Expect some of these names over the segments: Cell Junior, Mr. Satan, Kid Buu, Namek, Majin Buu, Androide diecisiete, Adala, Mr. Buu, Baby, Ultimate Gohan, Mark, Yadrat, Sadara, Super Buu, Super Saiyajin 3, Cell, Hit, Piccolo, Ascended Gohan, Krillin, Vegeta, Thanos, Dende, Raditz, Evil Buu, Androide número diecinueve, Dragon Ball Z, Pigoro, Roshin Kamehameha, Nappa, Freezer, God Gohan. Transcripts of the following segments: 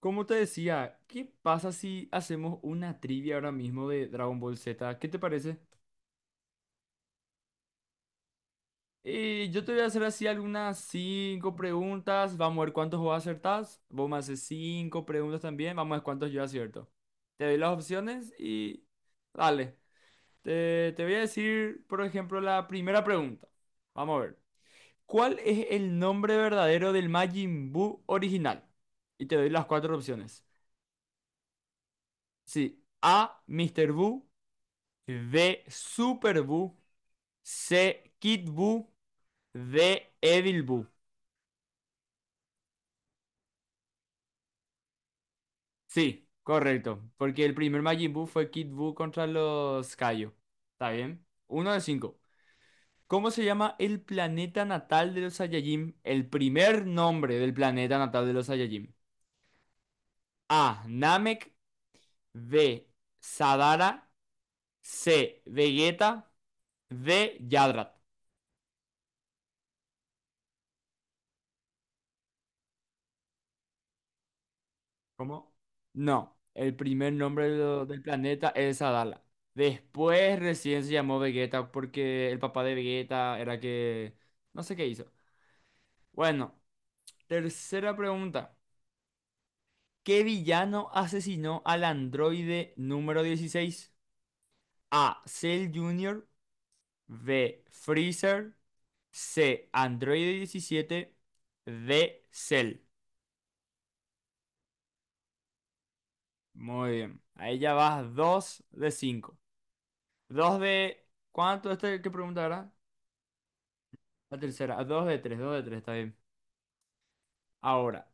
Como te decía, ¿qué pasa si hacemos una trivia ahora mismo de Dragon Ball Z? ¿Qué te parece? Yo te voy a hacer así algunas cinco preguntas. Vamos a ver cuántos vos acertás. Vos me haces cinco preguntas también. Vamos a ver cuántos yo acierto. Te doy las opciones y, dale. Te voy a decir, por ejemplo, la primera pregunta. Vamos a ver. ¿Cuál es el nombre verdadero del Majin Buu original? Y te doy las cuatro opciones. Sí. A. Mr. Buu. D. Super Buu. C. Kid Buu. D. Evil Buu. Sí, correcto. Porque el primer Majin Buu fue Kid Buu contra los Kaio. ¿Está bien? Uno de cinco. ¿Cómo se llama el planeta natal de los Saiyajin? El primer nombre del planeta natal de los Saiyajin. A. Namek. B. Sadara. C. Vegeta. D. Yadrat. ¿Cómo? No, el primer nombre del planeta es Adala. Después recién se llamó Vegeta porque el papá de Vegeta era que... No sé qué hizo. Bueno, tercera pregunta. ¿Qué villano asesinó al androide número 16? A. Cell Junior, B. Freezer. C. Androide 17, D. Cell. Muy bien. Ahí ya vas 2 de 5. Dos de... ¿Cuánto? Esta es que pregunta, ¿verdad? La tercera. Ah, dos de tres, dos de tres, está bien. Ahora,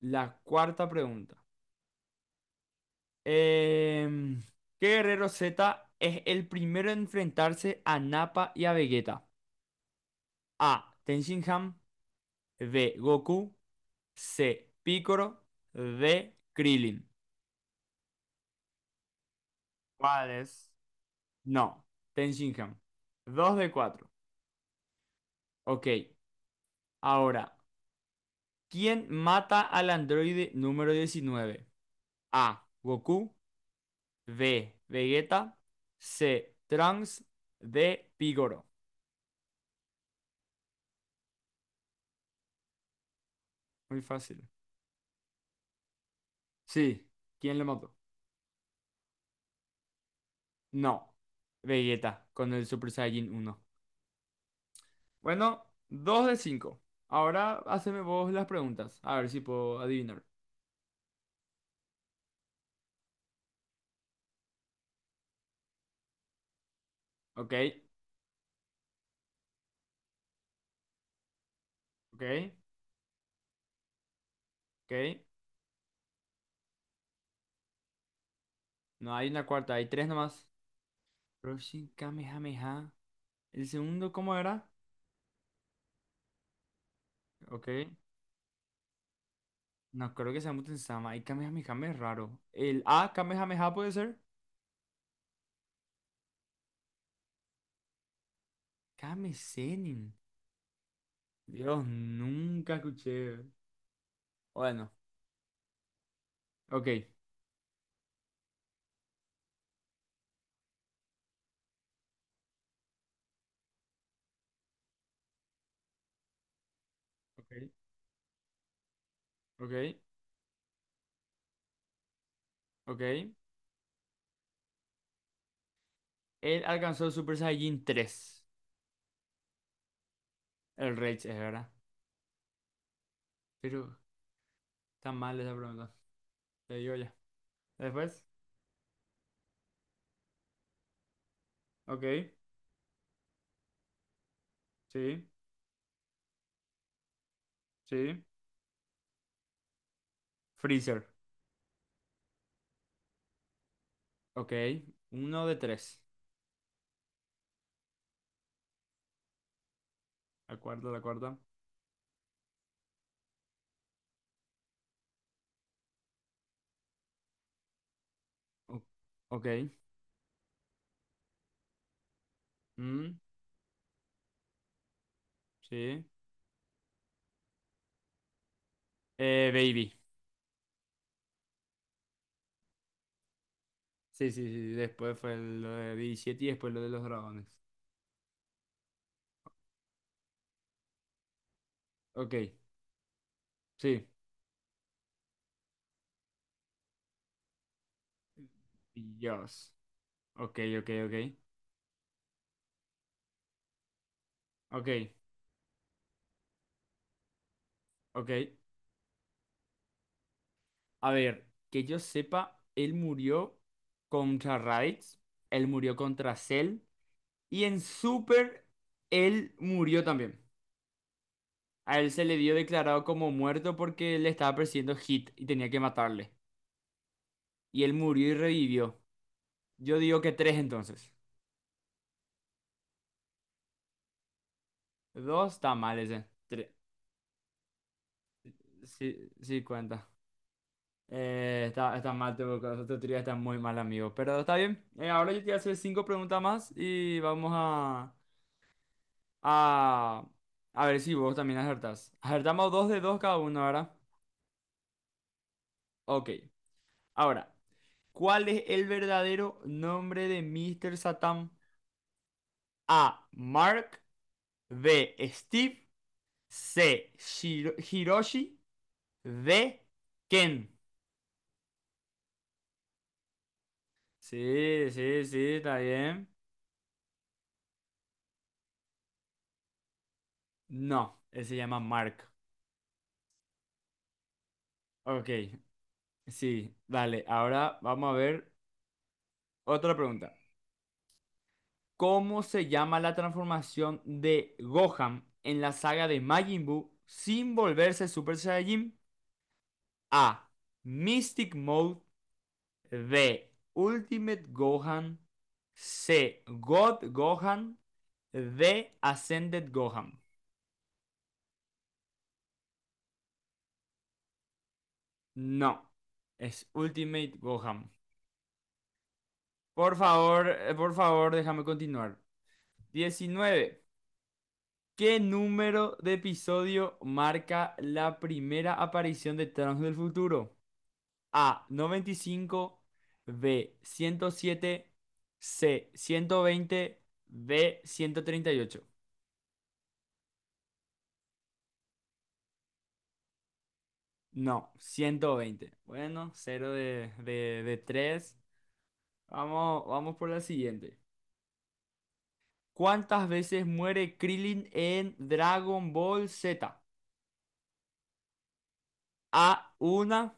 la cuarta pregunta. Em, ¿Qué guerrero Z es el primero en enfrentarse a Nappa y a Vegeta? A. Tenshinhan. B. Goku. C. Piccolo. D. Krillin. ¿Cuál es? No, Tenshinhan. Dos de cuatro. Ok, ahora, ¿quién mata al androide número 19? A. Goku. B. Vegeta. C. Trunks. D. Pigoro. Muy fácil. Sí. ¿Quién le mató? No. Vegeta con el Super Saiyan uno. Bueno, 2 de 5. Ahora haceme vos las preguntas. A ver si puedo adivinar. Ok, ok, ok. No hay una cuarta, hay tres nomás. Roshin Kamehameha. ¿El segundo cómo era? Ok. No creo que sea Muten-sama. Y Kamehameha es raro. ¿El A Kamehameha puede ser? Kame Senin. Dios, nunca escuché. Bueno, ok, ok, ok, ok. Él alcanzó el Super Saiyajin 3. El Rage es, ¿verdad? Pero está mal esa pregunta. Te digo ya. Después, ok, sí, sí. Freezer, ok. Uno de tres. La cuarta, la cuarta. O- ok, mm, sí. Baby. Sí, sí, sí, sí. Después fue lo de 17 y después lo de los dragones. Ok, sí. Dios. Ok, ok, ok. Ok, ok. A ver, que yo sepa, él murió contra Raditz, él murió contra Cell y en Super él murió también. A él se le dio declarado como muerto porque le estaba persiguiendo Hit y tenía que matarle. Y él murió y revivió. Yo digo que tres entonces. Dos está mal ese. Tres. Sí, sí cuenta. Está mal, tu teoría está muy mal, amigo. Pero está bien. Ahora yo te voy a hacer cinco preguntas más y a... a ver si vos también acertás. Acertamos dos de dos cada uno, ¿verdad? Ok. Ahora, ¿cuál es el verdadero nombre de Mr. Satan? A. Mark. B. Steve. C. Hiroshi. D. Ken. Sí, sí, sí, está bien. No, él se llama Mark. Ok, sí, dale. Ahora vamos a ver otra pregunta. ¿Cómo se llama la transformación de Gohan en la saga de Majin Buu sin volverse Super Saiyajin? A. Mystic Mode. B. Ultimate Gohan. C. God Gohan. D. Ascended Gohan. No, es Ultimate Gohan. Por favor, déjame continuar. 19. ¿Qué número de episodio marca la primera aparición de Thanos del futuro? A, 95. B, 107. C, 120. D, 138. No, 120. Bueno, cero de tres. Vamos, vamos por la siguiente. ¿Cuántas veces muere Krillin en Dragon Ball Z? A, una.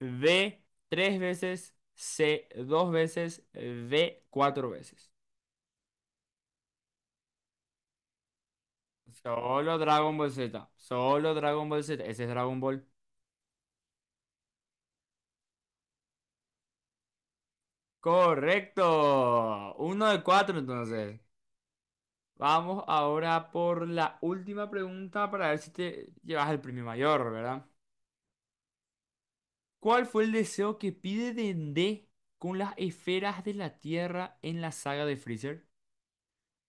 B, tres veces. C, 2 veces. D, 4 veces. Solo Dragon Ball Z. Solo Dragon Ball Z. Ese es Dragon Ball. Correcto. Uno de cuatro, entonces. Vamos ahora por la última pregunta para ver si te llevas el premio mayor, ¿verdad? ¿Cuál fue el deseo que pide Dende con las esferas de la Tierra en la saga de Freezer?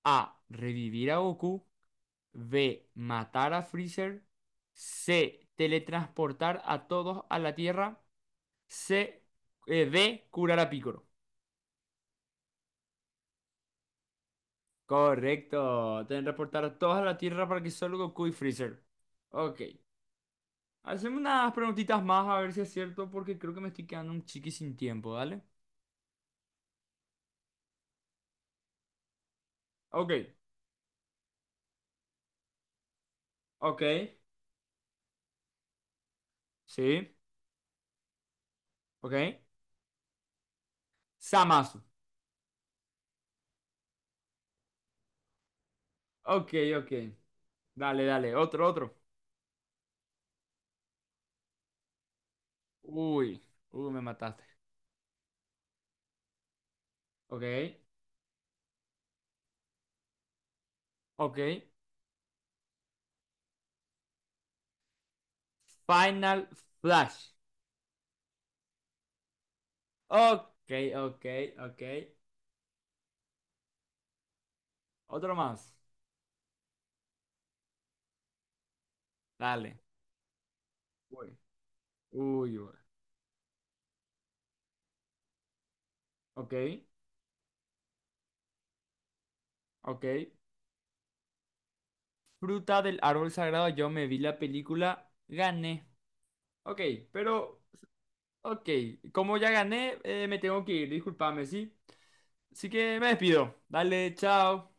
A. Revivir a Goku. B. Matar a Freezer. C. Teletransportar a todos a la Tierra. C. D. Curar a Piccolo. Correcto. Deben reportar a toda la Tierra para que solo Goku y Freezer. Ok. Hacemos unas preguntitas más a ver si es cierto, porque creo que me estoy quedando un chiqui sin tiempo, ¿dale? Ok. Ok. Sí. Ok. Samasu. Ok, ok. Dale, dale. Otro, otro. Uy. Uy, me mataste. Ok. Ok. Final Flash. Ok, ok, ok. Otro más. Dale. Uy. Uy, uy. Ok. Ok. Fruta del árbol sagrado, yo me vi la película, gané. Ok, pero, ok, como ya gané, me tengo que ir, discúlpame, ¿sí? Así que me despido. Dale, chao.